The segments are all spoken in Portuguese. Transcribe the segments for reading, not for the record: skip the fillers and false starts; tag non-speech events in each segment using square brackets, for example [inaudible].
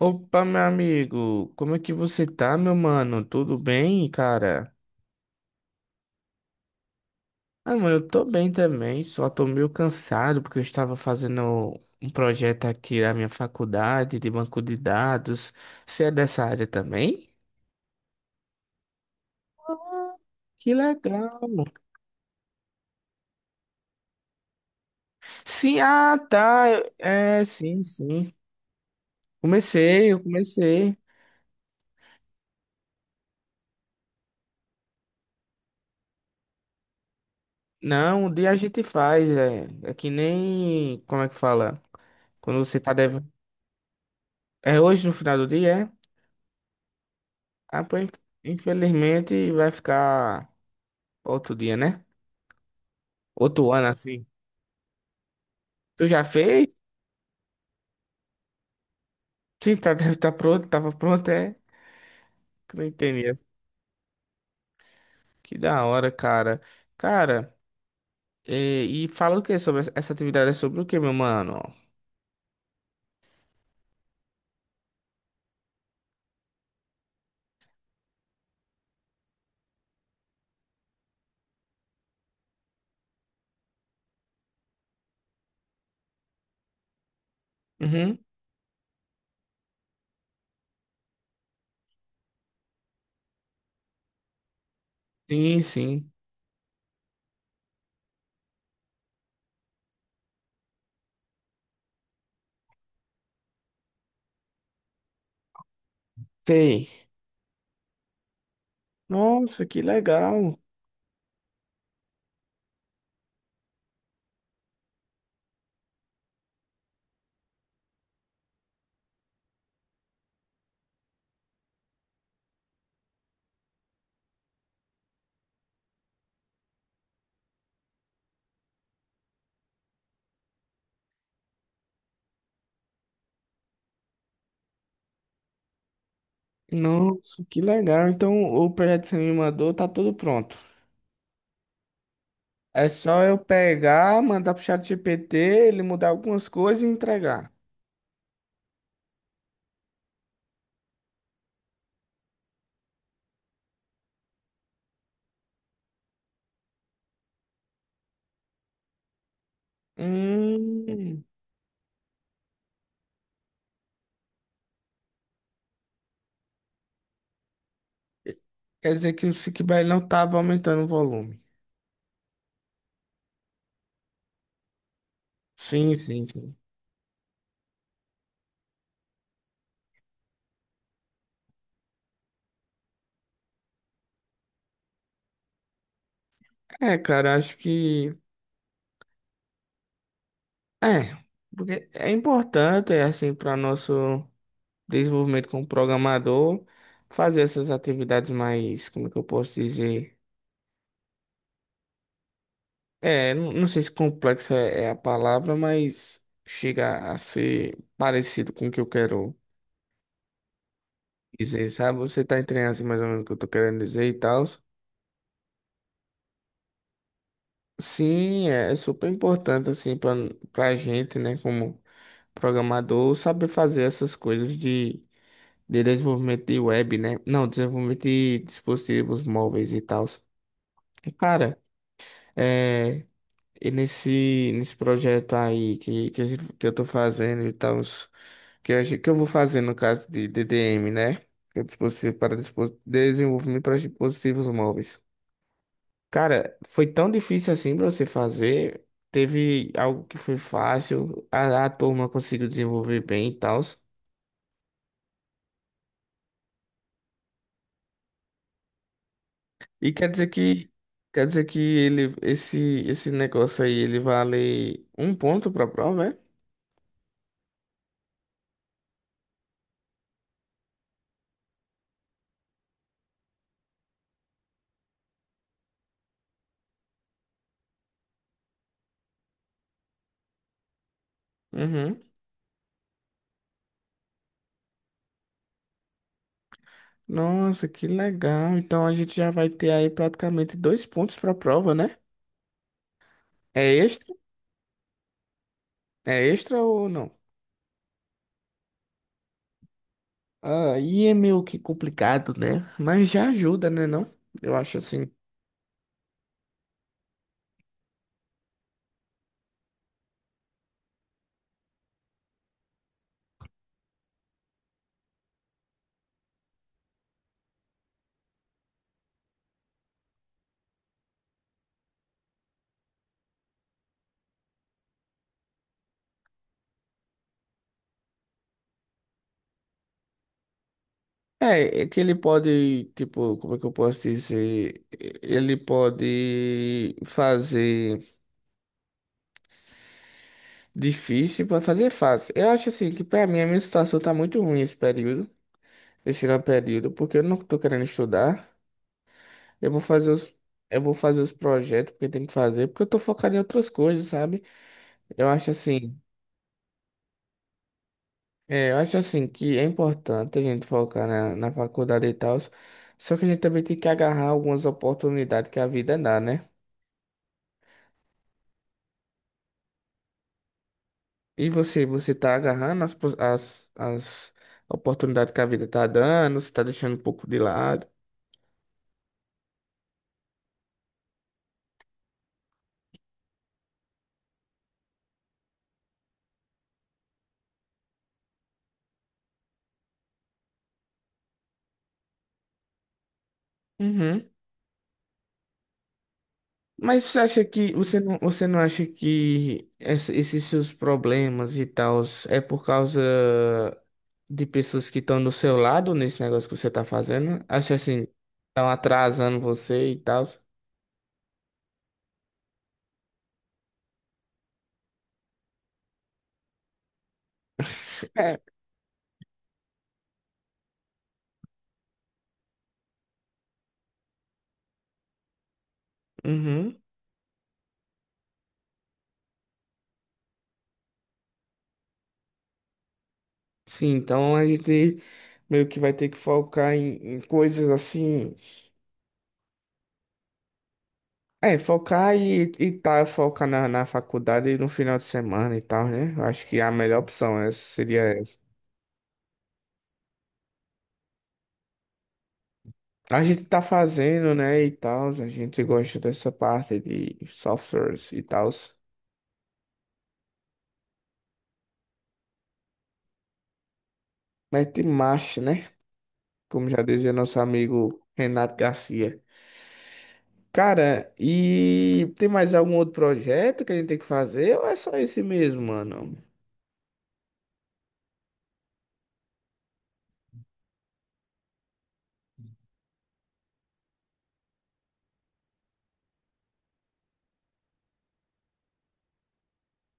Opa, meu amigo, como é que você tá, meu mano? Tudo bem, cara? Ah, mano, eu tô bem também, só tô meio cansado porque eu estava fazendo um projeto aqui da minha faculdade de banco de dados. Você é dessa área também? Que legal. Sim, ah, tá. É, sim, sim. Eu comecei. Não, um dia a gente faz, é que nem, como é que fala? Quando você tá devendo. É hoje no final do dia, é? Ah, pô, infelizmente vai ficar outro dia, né? Outro ano assim. Tu já fez? Sim, tá, [laughs] deve estar pronto, tava pronto, é. Que não entendi. Que da hora, cara. Cara, e fala o que sobre essa atividade? É sobre o que, meu mano? Uhum. Sim, sim. Sei. Nossa, que legal. Nossa, que legal. Então, o projeto que você me mandou tá tudo pronto. É só eu pegar, mandar pro chat GPT, ele mudar algumas coisas e entregar. Hum. Quer dizer que o Sickbay não estava aumentando o volume. Sim, sim, sim. É, cara, acho que é, porque é importante, é assim, para nosso desenvolvimento como programador, fazer essas atividades mais, como é que eu posso dizer? É, não, não sei se complexa é a palavra, mas chega a ser parecido com o que eu quero dizer, sabe? Você tá entendendo assim mais ou menos o que eu tô querendo dizer e tal. Sim, é super importante assim para gente, né, como programador, saber fazer essas coisas de desenvolvimento de web, né? Não, desenvolvimento de dispositivos móveis e tal. Cara, é, e nesse projeto aí que eu tô fazendo e tal, que eu vou fazer no caso de DDM, né? Que é dispositivo para desenvolvimento para dispositivos móveis. Cara, foi tão difícil assim pra você fazer. Teve algo que foi fácil, a turma conseguiu desenvolver bem e tal. E quer dizer que ele esse negócio aí ele vale um ponto pra prova, é? Uhum. Nossa, que legal. Então a gente já vai ter aí praticamente dois pontos pra prova, né? É extra? É extra ou não? Ah, e é meio que complicado, né? Mas já ajuda, né, não? Eu acho assim. É, é que ele pode, tipo, como é que eu posso dizer? Ele pode fazer difícil, pode fazer fácil. Eu acho assim que pra mim a minha situação tá muito ruim esse período, esse não período, porque eu não tô querendo estudar. Eu vou fazer os, eu vou fazer os projetos que eu tenho que fazer, porque eu tô focado em outras coisas, sabe? Eu acho assim, é, eu acho assim que é importante a gente focar na faculdade e tal, só que a gente também tem que agarrar algumas oportunidades que a vida dá, né? E você tá agarrando as oportunidades que a vida tá dando, você tá deixando um pouco de lado. Uhum. Mas você acha que você não acha que esses seus problemas e tal é por causa de pessoas que estão do seu lado nesse negócio que você tá fazendo? Acha assim, estão atrasando você e tal? É. Uhum. Sim, então a gente meio que vai ter que focar em coisas assim. É, focar e tá, focar na faculdade no final de semana e tal, né? Eu acho que a melhor opção seria essa. A gente tá fazendo, né, e tal, a gente gosta dessa parte de softwares e tal. Mas tem marcha, né? Como já dizia nosso amigo Renato Garcia. Cara, e tem mais algum outro projeto que a gente tem que fazer ou é só esse mesmo, mano?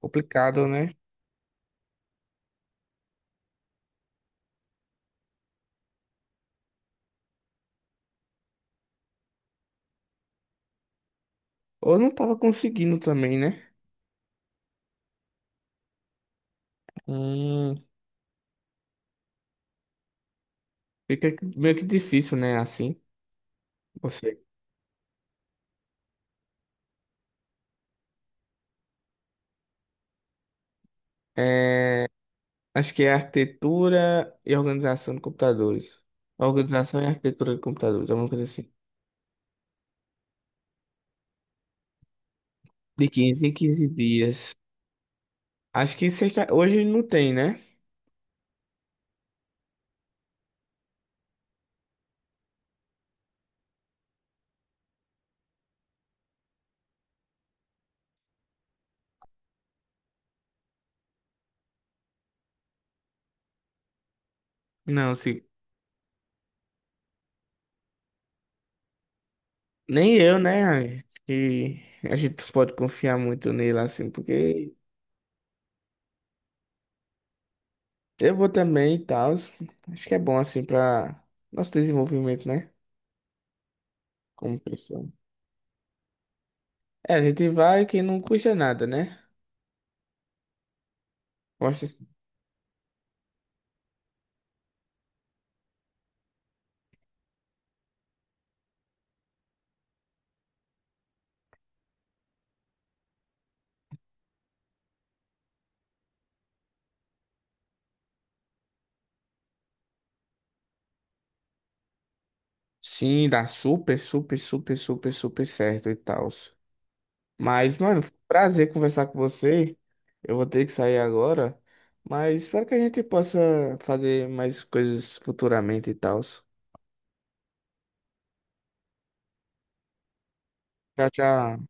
Complicado, né? Ou não tava conseguindo também, né? Hum, fica meio que difícil, né, assim. Não sei. É, acho que é arquitetura e organização de computadores. Organização e arquitetura de computadores, alguma coisa assim. De 15 em 15 dias. Acho que sexta... hoje não tem, né? Não, se... nem eu, né? Acho que a gente não pode confiar muito nele, assim, porque eu vou também e tal. Acho que é bom, assim, para nosso desenvolvimento, né? Como pessoa. É, a gente vai que não custa nada, né? Gosta. Sim, dá super, super, super, super, super certo e tal. Mas, mano, foi um prazer conversar com você. Eu vou ter que sair agora. Mas espero que a gente possa fazer mais coisas futuramente e tal. Tchau, tchau.